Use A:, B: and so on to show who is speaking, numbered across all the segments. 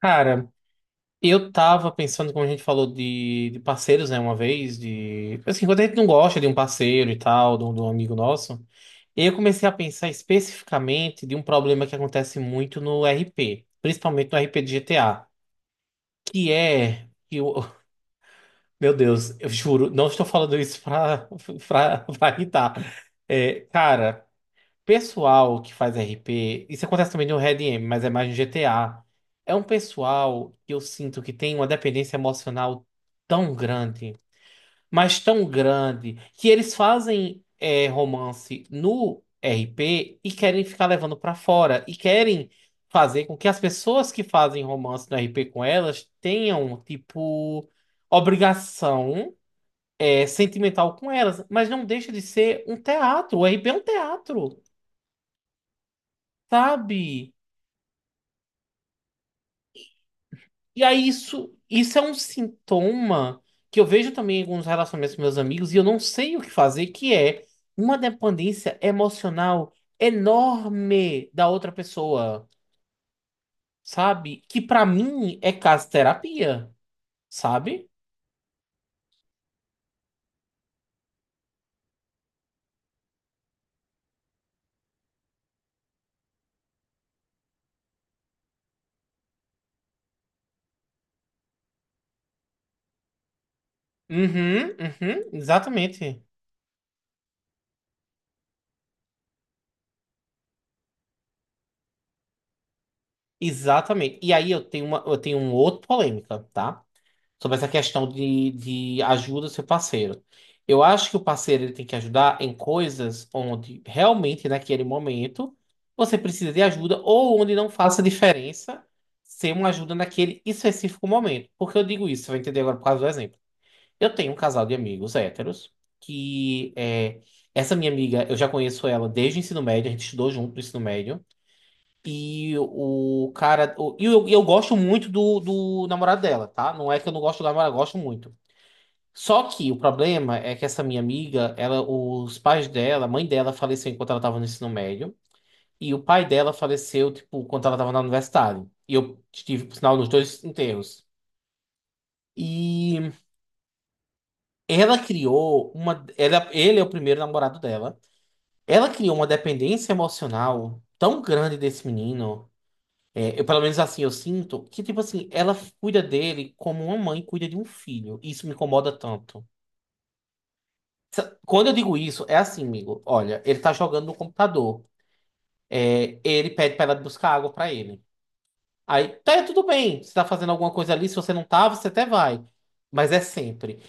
A: Cara, eu tava pensando, como a gente falou de parceiros, né, uma vez, assim, quando a gente não gosta de um parceiro e tal, de um amigo nosso, eu comecei a pensar especificamente de um problema que acontece muito no RP, principalmente no RP de GTA, que é... Que o meu Deus, eu juro, não estou falando isso pra irritar. É, cara, pessoal que faz RP, isso acontece também no Red M, mas é mais no GTA. É um pessoal que eu sinto que tem uma dependência emocional tão grande, mas tão grande, que eles fazem romance no RP e querem ficar levando pra fora e querem fazer com que as pessoas que fazem romance no RP com elas tenham, tipo, obrigação sentimental com elas, mas não deixa de ser um teatro. O RP é um teatro, sabe? E aí isso é um sintoma que eu vejo também em alguns relacionamentos com meus amigos e eu não sei o que fazer, que é uma dependência emocional enorme da outra pessoa, sabe? Que pra mim é caso terapia, sabe? Uhum, uhum, exatamente. Exatamente. E aí eu tenho uma outra polêmica, tá, sobre essa questão de ajuda seu parceiro. Eu acho que o parceiro ele tem que ajudar em coisas onde realmente naquele momento você precisa de ajuda ou onde não faça diferença ser uma ajuda naquele específico momento. Por que eu digo isso? Você vai entender agora por causa do exemplo. Eu tenho um casal de amigos héteros que é, essa minha amiga, eu já conheço ela desde o ensino médio, a gente estudou junto no ensino médio. E eu gosto muito do namorado dela, tá? Não é que eu não gosto do namorado, eu gosto muito. Só que o problema é que essa minha amiga, ela, os pais dela, a mãe dela faleceu enquanto ela estava no ensino médio. E o pai dela faleceu, tipo, quando ela estava na universidade. E eu estive, por sinal, nos dois enterros. E ela criou uma. Ela, ele é o primeiro namorado dela. Ela criou uma dependência emocional tão grande desse menino. É, eu, pelo menos assim, eu sinto que, tipo assim, ela cuida dele como uma mãe cuida de um filho. E isso me incomoda tanto. Quando eu digo isso, é assim, amigo. Olha, ele tá jogando no computador. É, ele pede pra ela buscar água pra ele. Aí, tá, tudo bem. Você tá fazendo alguma coisa ali, se você não tava, você até vai. Mas é sempre.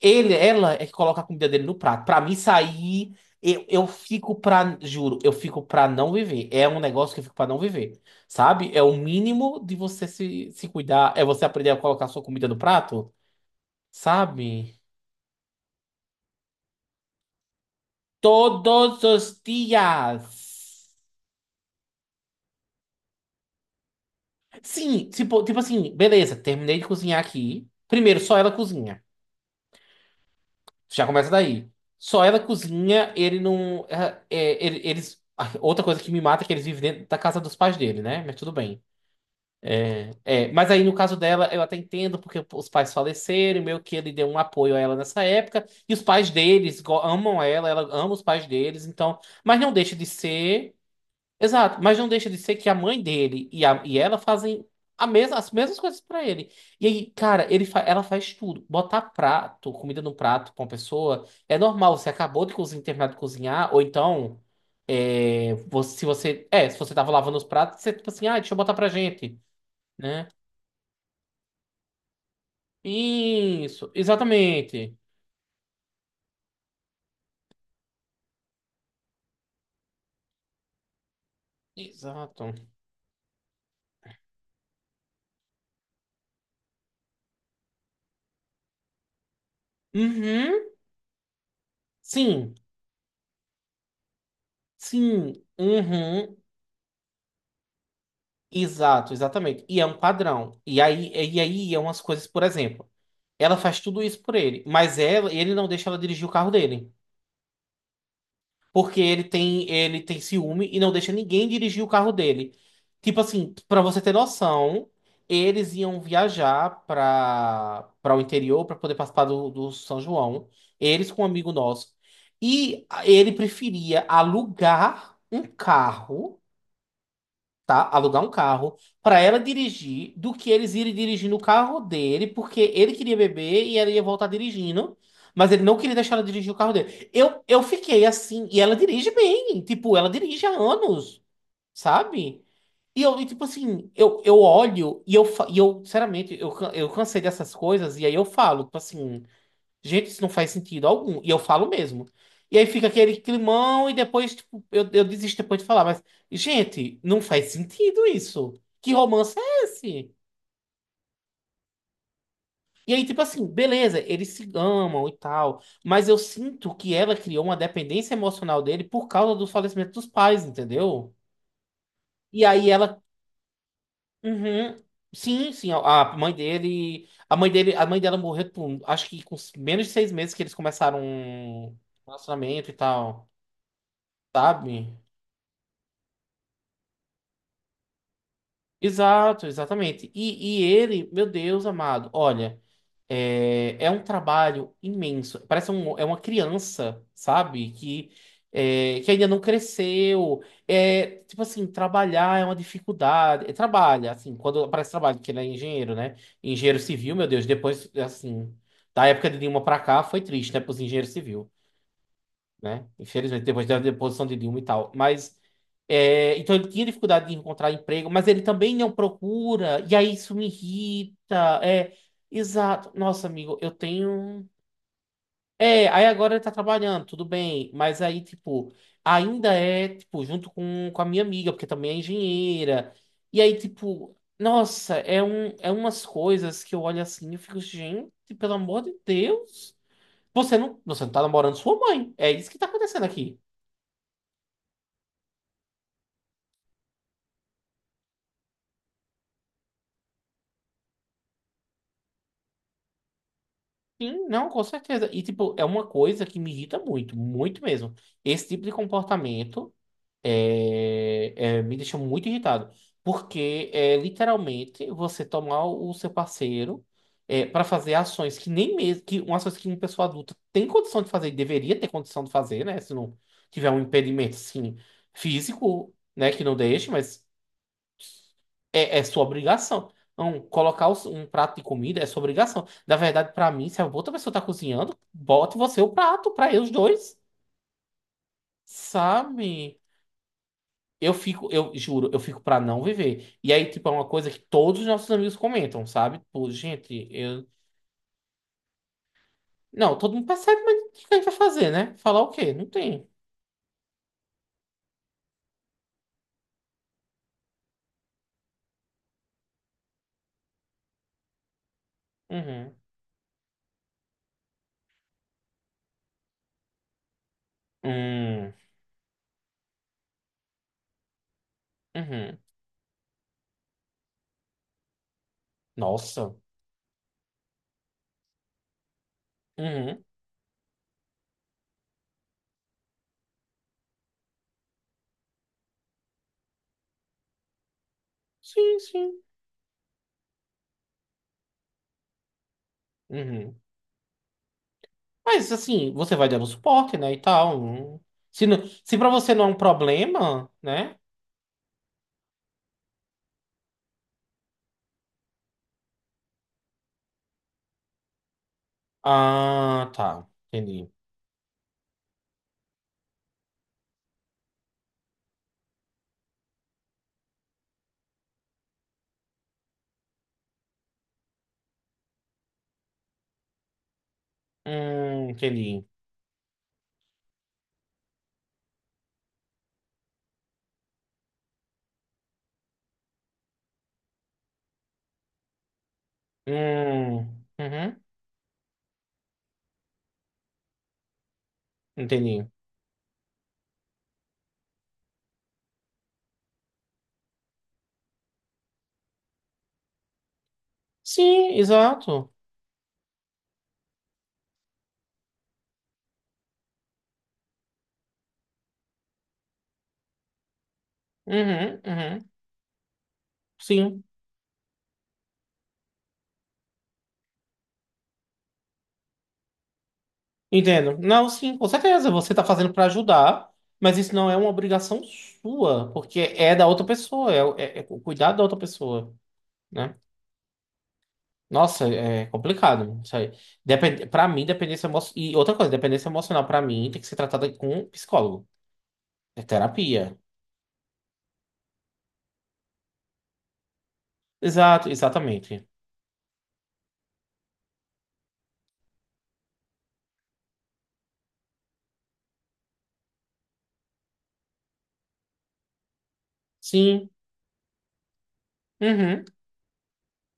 A: Ela é que coloca a comida dele no prato. Pra mim sair, eu fico pra, juro, eu fico pra não viver. É um negócio que eu fico pra não viver, sabe? É o mínimo de você se cuidar, é você aprender a colocar a sua comida no prato, sabe? Todos os dias. Sim, tipo, tipo assim, beleza, terminei de cozinhar aqui. Primeiro, só ela cozinha. Já começa daí. Só ela cozinha, ele não. é, é, ele- eles. Ah, outra coisa que me mata é que eles vivem dentro da casa dos pais dele, né? Mas tudo bem. É, mas aí no caso dela, eu até entendo porque os pais faleceram, e meio que ele deu um apoio a ela nessa época, e os pais deles amam ela, ela ama os pais deles, então, mas não deixa de ser, exato, mas não deixa de ser que a mãe dele e, e ela fazem as mesmas coisas pra ele. E aí, cara, ela faz tudo, botar prato, comida no prato pra uma pessoa, é normal, você acabou de cozinhar, terminar de cozinhar, ou então, é, se você tava lavando os pratos, você tipo assim, ah, deixa eu botar pra gente, né? Isso, exatamente. Exato. Uhum. Sim, sim. Uhum. Exato, exatamente. E é um padrão. E aí é umas coisas, por exemplo, ela faz tudo isso por ele, mas ela, ele não deixa ela dirigir o carro dele, porque ele tem ciúme e não deixa ninguém dirigir o carro dele. Tipo assim, pra você ter noção, eles iam viajar pra para o interior pra poder participar do São João, eles com um amigo nosso. E ele preferia alugar um carro, tá? Alugar um carro para ela dirigir do que eles irem dirigir no carro dele, porque ele queria beber e ela ia voltar dirigindo, mas ele não queria deixar ela dirigir o carro dele. Eu fiquei assim, e ela dirige bem, tipo, ela dirige há anos, sabe? E eu, e, tipo assim, eu olho e eu, sinceramente, eu cansei dessas coisas, e aí eu falo, tipo assim. Gente, isso não faz sentido algum. E eu falo mesmo. E aí fica aquele climão e depois, tipo, eu desisto depois de falar. Mas, gente, não faz sentido isso. Que romance é esse? E aí, tipo assim, beleza, eles se amam e tal. Mas eu sinto que ela criou uma dependência emocional dele por causa do falecimento dos pais, entendeu? E aí ela. Uhum. Sim, sim, a mãe dele. A mãe dela morreu, tipo, acho que com menos de 6 meses que eles começaram um relacionamento e tal, sabe? Exato, exatamente. E ele, meu Deus amado, olha, é, é um trabalho imenso. Parece um, é uma criança, sabe? Que, é, que ainda não cresceu. É, tipo assim, trabalhar é uma dificuldade. É, trabalha, assim, quando aparece trabalho, porque ele é engenheiro, né? Engenheiro civil, meu Deus, depois, assim, da época de Dilma pra cá, foi triste, né, pros engenheiros civis, né? Infelizmente, depois da deposição de Dilma e tal. Mas, é, então ele tinha dificuldade de encontrar emprego, mas ele também não procura, e aí isso me irrita. É, exato. Nossa, amigo, eu tenho. Um, é, aí agora ele tá trabalhando, tudo bem, mas aí, tipo, ainda é, tipo, junto com a minha amiga, porque também é engenheira. E aí, tipo, nossa, é, um, é umas coisas que eu olho assim e fico, gente, pelo amor de Deus. Você não tá namorando sua mãe. É isso que tá acontecendo aqui. Sim, não, com certeza. E, tipo, é uma coisa que me irrita muito, muito mesmo. Esse tipo de comportamento é, me deixa muito irritado. Porque é literalmente você tomar o seu parceiro, é, para fazer ações que nem mesmo, que uma ações que uma pessoa adulta tem condição de fazer e deveria ter condição de fazer, né? Se não tiver um impedimento, assim, físico, né, que não deixe, mas. É, é sua obrigação. Não, colocar um prato de comida é sua obrigação. Na verdade, pra mim, se a outra pessoa tá cozinhando, bote você o prato pra eles dois, sabe? Eu fico, eu juro, eu fico pra não viver. E aí, tipo, é uma coisa que todos os nossos amigos comentam, sabe? Tipo, gente, eu. Não, todo mundo percebe, mas o que a gente vai fazer, né? Falar o quê? Não tem. Uhum. Hum. Uhum. Nossa. Uhum. Sim, sim. Uhum. Mas assim, você vai dando suporte, né? E tal. Hum. Se pra você não é um problema, né? Ah, tá. Entendi. Entendi. Hum, uhum, entendi. Sim, exato. Uhum, uhum, sim, entendo. Não, sim, com certeza. Você está fazendo para ajudar, mas isso não é uma obrigação sua, porque é da outra pessoa, é o cuidado da outra pessoa, né? Nossa, é complicado isso aí. Depende, para mim, dependência emocional. E outra coisa, dependência emocional pra mim tem que ser tratada com um psicólogo. É terapia. Exato, exatamente. Sim. Uhum.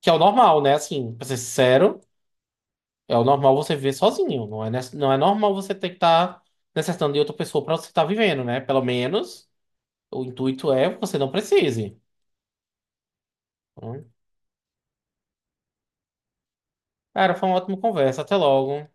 A: Que é o normal, né? Assim, pra ser sincero, é o normal você viver sozinho. Não é normal você ter que estar necessitando de outra pessoa pra você estar vivendo, né? Pelo menos o intuito é você não precise. Então, cara, foi uma ótima conversa. Até logo.